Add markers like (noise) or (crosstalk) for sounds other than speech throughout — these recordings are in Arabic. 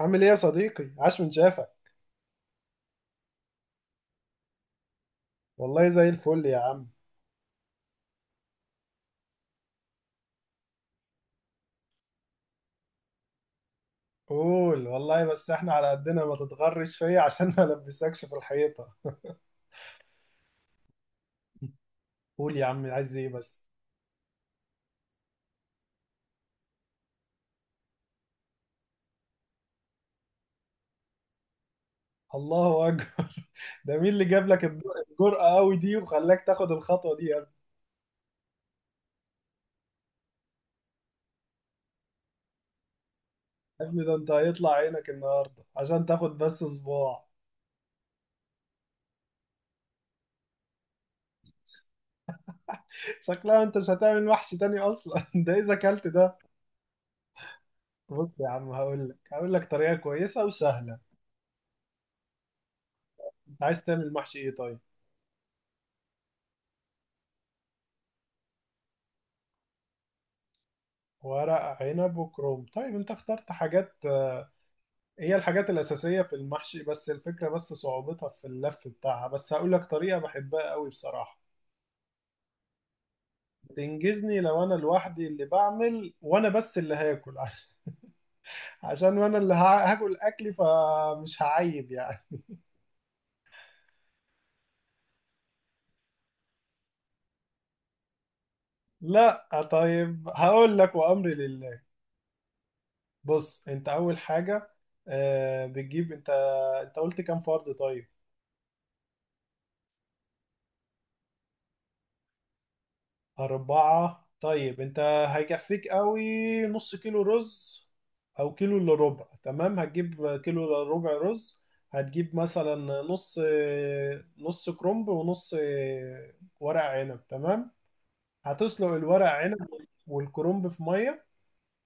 عامل ايه يا صديقي؟ عاش من شافك. والله زي الفل يا عم. قول والله، بس احنا على قدنا، ما تتغرش فيا (laughs) عشان ما البسكش في الحيطة. قول يا عم، عايز ايه بس؟ الله اكبر! (laughs) ده مين اللي جاب لك الجرأة قوي دي وخلاك تاخد الخطوة دي يا ابني؟ يا ابني ده انت هيطلع عينك النهاردة عشان تاخد بس صباع. (laughs) شكلها انت مش هتعمل محشي تاني اصلا (laughs) ده اذا اكلت ده. بص يا عم، هقول لك طريقة كويسة وسهلة. انت عايز تعمل محشي ايه طيب؟ ورق عنب وكروم، طيب انت اخترت حاجات. هي الحاجات الأساسية في المحشي، بس الفكرة بس صعوبتها في اللف بتاعها، بس هقول لك طريقة بحبها قوي بصراحة. تنجزني لو انا لوحدي اللي بعمل وانا بس اللي هاكل (laughs) عشان وانا اللي هاكل اكلي فمش هعيب يعني. لا طيب هقول لك، وامري لله. بص انت اول حاجة، بتجيب انت، انت قلت كام فرد طيب؟ أربعة، طيب أنت هيكفيك قوي نص كيلو رز أو كيلو إلا ربع. تمام، هتجيب كيلو إلا ربع رز، هتجيب مثلا نص كرنب ونص ورق عنب. تمام. هتسلق الورق عنب والكرنب في مية،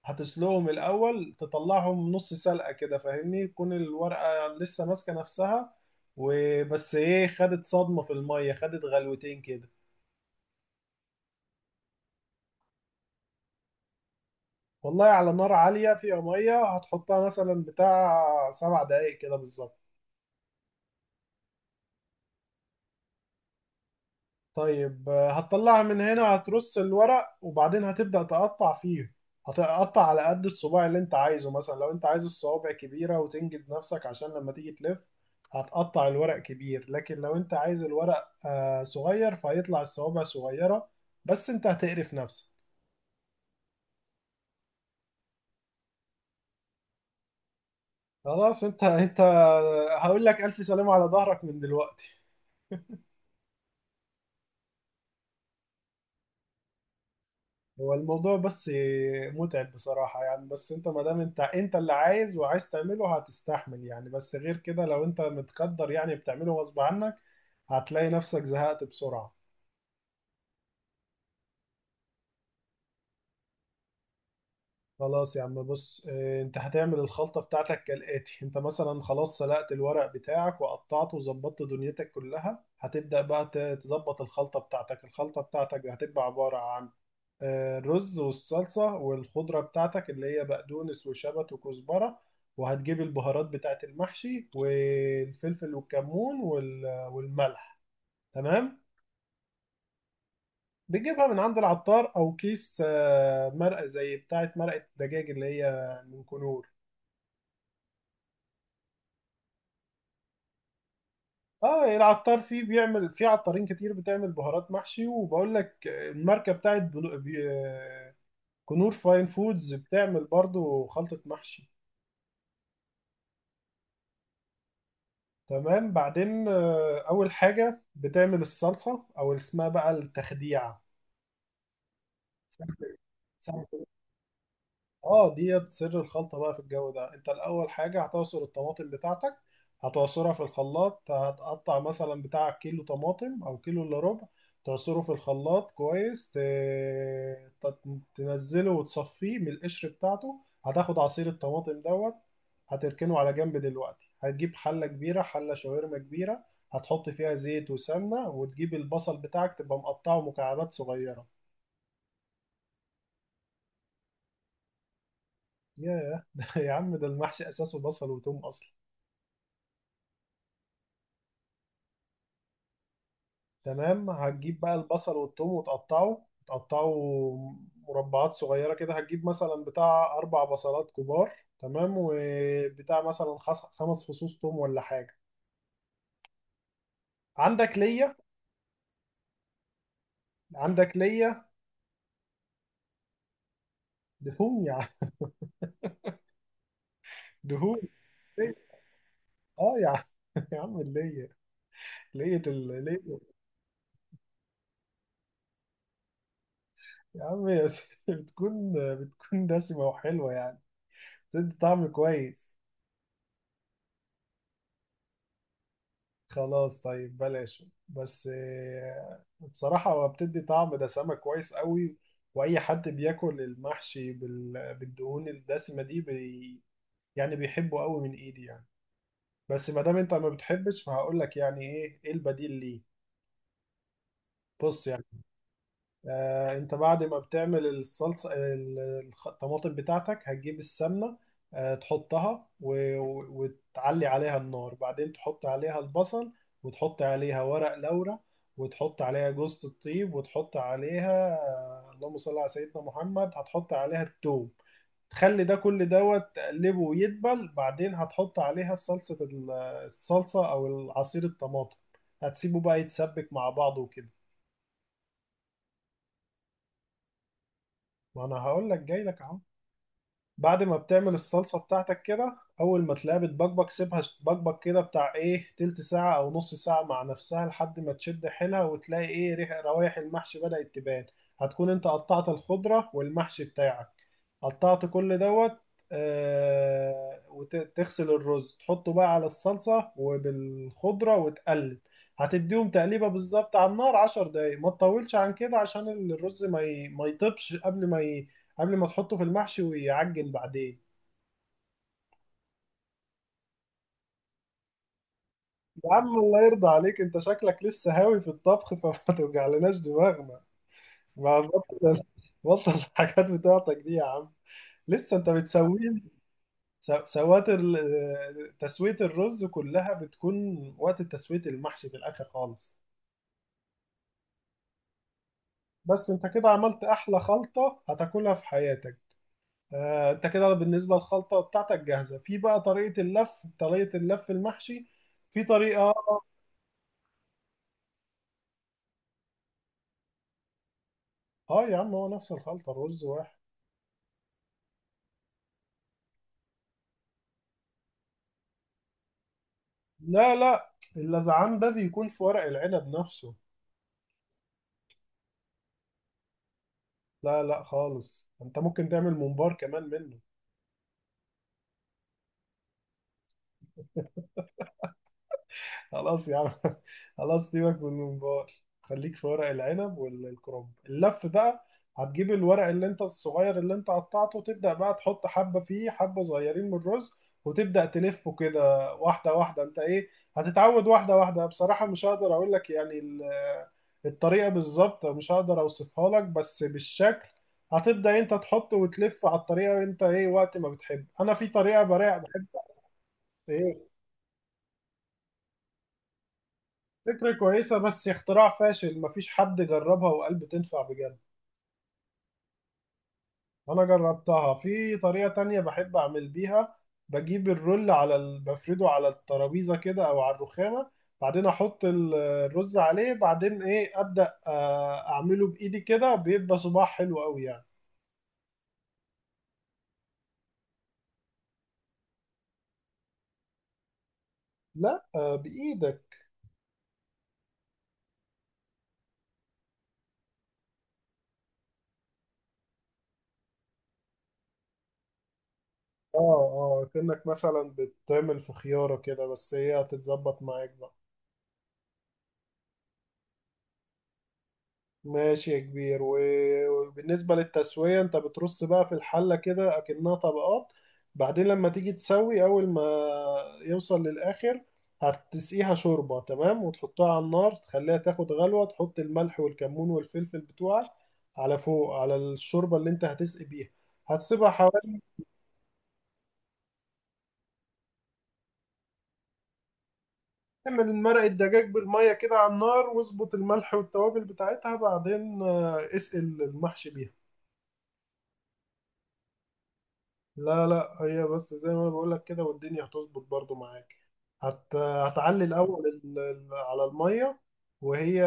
هتسلقهم الأول، تطلعهم نص سلقة كده فاهمني؟ تكون الورقة لسه ماسكة نفسها وبس. إيه، خدت صدمة في المية، خدت غلوتين كده. والله على نار عالية، فيها مية هتحطها مثلا بتاع 7 دقايق كده بالظبط. طيب هتطلعها من هنا، هترص الورق، وبعدين هتبدأ تقطع فيه. هتقطع على قد الصباع اللي انت عايزه. مثلا لو انت عايز الصوابع كبيرة وتنجز نفسك عشان لما تيجي تلف هتقطع الورق كبير، لكن لو انت عايز الورق صغير فهيطلع الصوابع صغيرة، بس انت هتقرف نفسك. خلاص انت هقول لك ألف سلامة على ظهرك من دلوقتي. هو الموضوع بس متعب بصراحة يعني، بس انت ما دام انت اللي عايز وعايز تعمله هتستحمل يعني، بس غير كده لو انت متقدر يعني بتعمله غصب عنك هتلاقي نفسك زهقت بسرعة. خلاص يا عم. بص انت هتعمل الخلطة بتاعتك كالآتي. انت مثلا خلاص سلقت الورق بتاعك وقطعته وظبطت دنيتك كلها، هتبدأ بقى تظبط الخلطة بتاعتك. الخلطة بتاعتك هتبقى عبارة عن الرز والصلصة والخضرة بتاعتك اللي هي بقدونس وشبت وكزبرة، وهتجيب البهارات بتاعت المحشي والفلفل والكمون والملح. تمام. بتجيبها من عند العطار او كيس مرقة زي بتاعت مرقة دجاج اللي هي من كنور. اه العطار فيه، بيعمل فيه عطارين كتير بتعمل بهارات محشي، وبقول لك الماركة بتاعت كنور فاين فودز، بتعمل برضو خلطة محشي. تمام. بعدين أول حاجة بتعمل الصلصة أو اللي اسمها بقى التخديعة. سمت. اه ديت سر الخلطة بقى في الجو ده. انت الأول حاجة هتعصر الطماطم بتاعتك، هتعصرها في الخلاط. هتقطع مثلا بتاع كيلو طماطم أو كيلو إلا ربع، تعصره في الخلاط كويس، ت- تنزله وتصفيه من القشر بتاعته، هتاخد عصير الطماطم دوت. هتركنه على جنب. دلوقتي هتجيب حلة كبيرة، حلة شاورما كبيرة، هتحط فيها زيت وسمنة، وتجيب البصل بتاعك تبقى مقطعه مكعبات صغيرة. ياه (laughs) ده يا عم ده المحشي أساسه بصل وتوم أصلا. تمام، هتجيب بقى البصل والثوم وتقطعه تقطعه مربعات صغيرة كده. هتجيب مثلا بتاع أربع بصلات كبار. تمام، وبتاع مثلا خمس فصوص ثوم ولا حاجة. عندك ليا؟ عندك ليا؟ دهون يا عم، دهون. ليا. اه يا عم (laughs) يا عم اللية. لية لية. يا عم (laughs) بتكون دسمة وحلوة يعني، بتدي طعم كويس. خلاص طيب بلاش، بس بصراحة هو بتدي طعم دسامة كويس قوي، وأي حد بياكل المحشي بالدهون الدسمة دي يعني بيحبه قوي من إيدي يعني. بس ما دام أنت ما بتحبش فهقول لك يعني إيه، إيه البديل ليه. بص يعني انت بعد ما بتعمل الطماطم بتاعتك، هتجيب السمنه تحطها وتعلي عليها النار، بعدين تحط عليها البصل، وتحط عليها ورق لورا، وتحط عليها جوزة الطيب، وتحط عليها اللهم صل على سيدنا محمد، هتحط عليها التوم. تخلي ده كل دوت، تقلبه ويدبل، بعدين هتحط عليها الصلصة أو عصير الطماطم. هتسيبه بقى يتسبك مع بعضه وكده. ما أنا هقول لك جاي لك أهو. بعد ما بتعمل الصلصة بتاعتك كده، أول ما تلاقيها بتبقبق سيبها تبقبق كده بتاع إيه تلت ساعة أو نص ساعة مع نفسها، لحد ما تشد حيلها وتلاقي إيه، ريح روايح المحشي بدأت تبان. هتكون أنت قطعت الخضرة والمحشي بتاعك، قطعت كل دوت. آه، وتغسل الرز تحطه بقى على الصلصة وبالخضرة وتقلب. هتديهم تقليبة بالظبط على النار 10 دقايق، ما تطولش عن كده عشان الرز ما يطيبش قبل ما تحطه في المحشي ويعجن بعدين. يا عم الله يرضى عليك، انت شكلك لسه هاوي في الطبخ فما (laughs) توجعلناش دماغنا. ما بطل، بطل الحاجات بتاعتك دي يا عم. لسه انت بتسويه. سوات تسوية الرز كلها بتكون وقت تسوية المحشي في الآخر خالص. بس انت كده عملت أحلى خلطة هتاكلها في حياتك. انت كده بالنسبة للخلطة بتاعتك جاهزة، في بقى طريقة اللف، طريقة اللف المحشي في طريقة. اه يا عم هو نفس الخلطة رز واحد لا لا اللذعان ده بيكون في ورق العنب نفسه لا لا خالص انت ممكن تعمل ممبار كمان منه خلاص يا عم (laughs) خلاص سيبك من الممبار خليك في ورق العنب والكرنب اللف بقى هتجيب الورق اللي انت الصغير اللي انت قطعته تبدأ بقى تحط حبة فيه حبة صغيرين من الرز وتبدأ تلفه كده واحدة واحدة انت ايه هتتعود واحدة واحدة بصراحة مش هقدر اقول لك يعني ال- الطريقة بالظبط مش هقدر اوصفها لك بس بالشكل هتبدأ انت تحط وتلف على الطريقة انت ايه وقت ما بتحب انا في طريقة براع بحب ايه، فكرة كويسة بس اختراع فاشل، مفيش حد جربها وقال بتنفع بجد. أنا جربتها في طريقة تانية بحب أعمل بيها. بجيب الرول على بفرده على الترابيزة كده أو على الرخامة، بعدين أحط الرز عليه، بعدين إيه أبدأ أعمله بإيدي كده بيبقى صباع حلو أوي يعني. لا بإيدك. آه، آه كأنك مثلا بتعمل في خيارة كده، بس هي هتتظبط معاك بقى. ماشي يا كبير. وبالنسبة للتسوية انت بترص بقى في الحلة كده اكنها طبقات، بعدين لما تيجي تسوي اول ما يوصل للاخر هتسقيها شوربة. تمام، وتحطها على النار تخليها تاخد غلوة، تحط الملح والكمون والفلفل بتوعك على فوق على الشوربة اللي انت هتسقي بيها، هتسيبها حوالي. تعمل مرقة دجاج بالمية كده على النار، واظبط الملح والتوابل بتاعتها، بعدين اسقي المحشي بيها. لا لا هي بس زي ما انا بقول لك كده والدنيا هتظبط برضو معاك. هتعلي الاول على الميه، وهي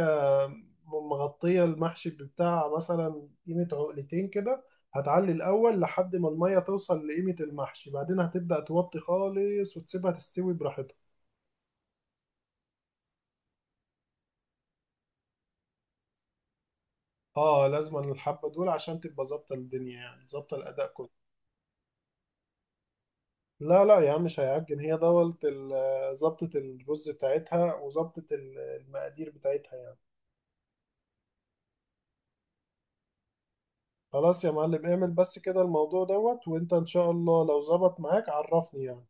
مغطيه المحشي بتاع مثلا قيمه عقلتين كده. هتعلي الاول لحد ما الميه توصل لقيمه المحشي، بعدين هتبدا توطي خالص وتسيبها تستوي براحتها. اه لازم، الحبه دول عشان تبقى ظابطه الدنيا، يعني ظابطه الاداء كله. لا لا يا عم مش هيعجن، هي دوت ظبطه الرز بتاعتها وظبطه المقادير بتاعتها يعني. خلاص يا معلم، اعمل بس كده الموضوع دوت، وانت ان شاء الله لو ظبط معاك عرفني يعني.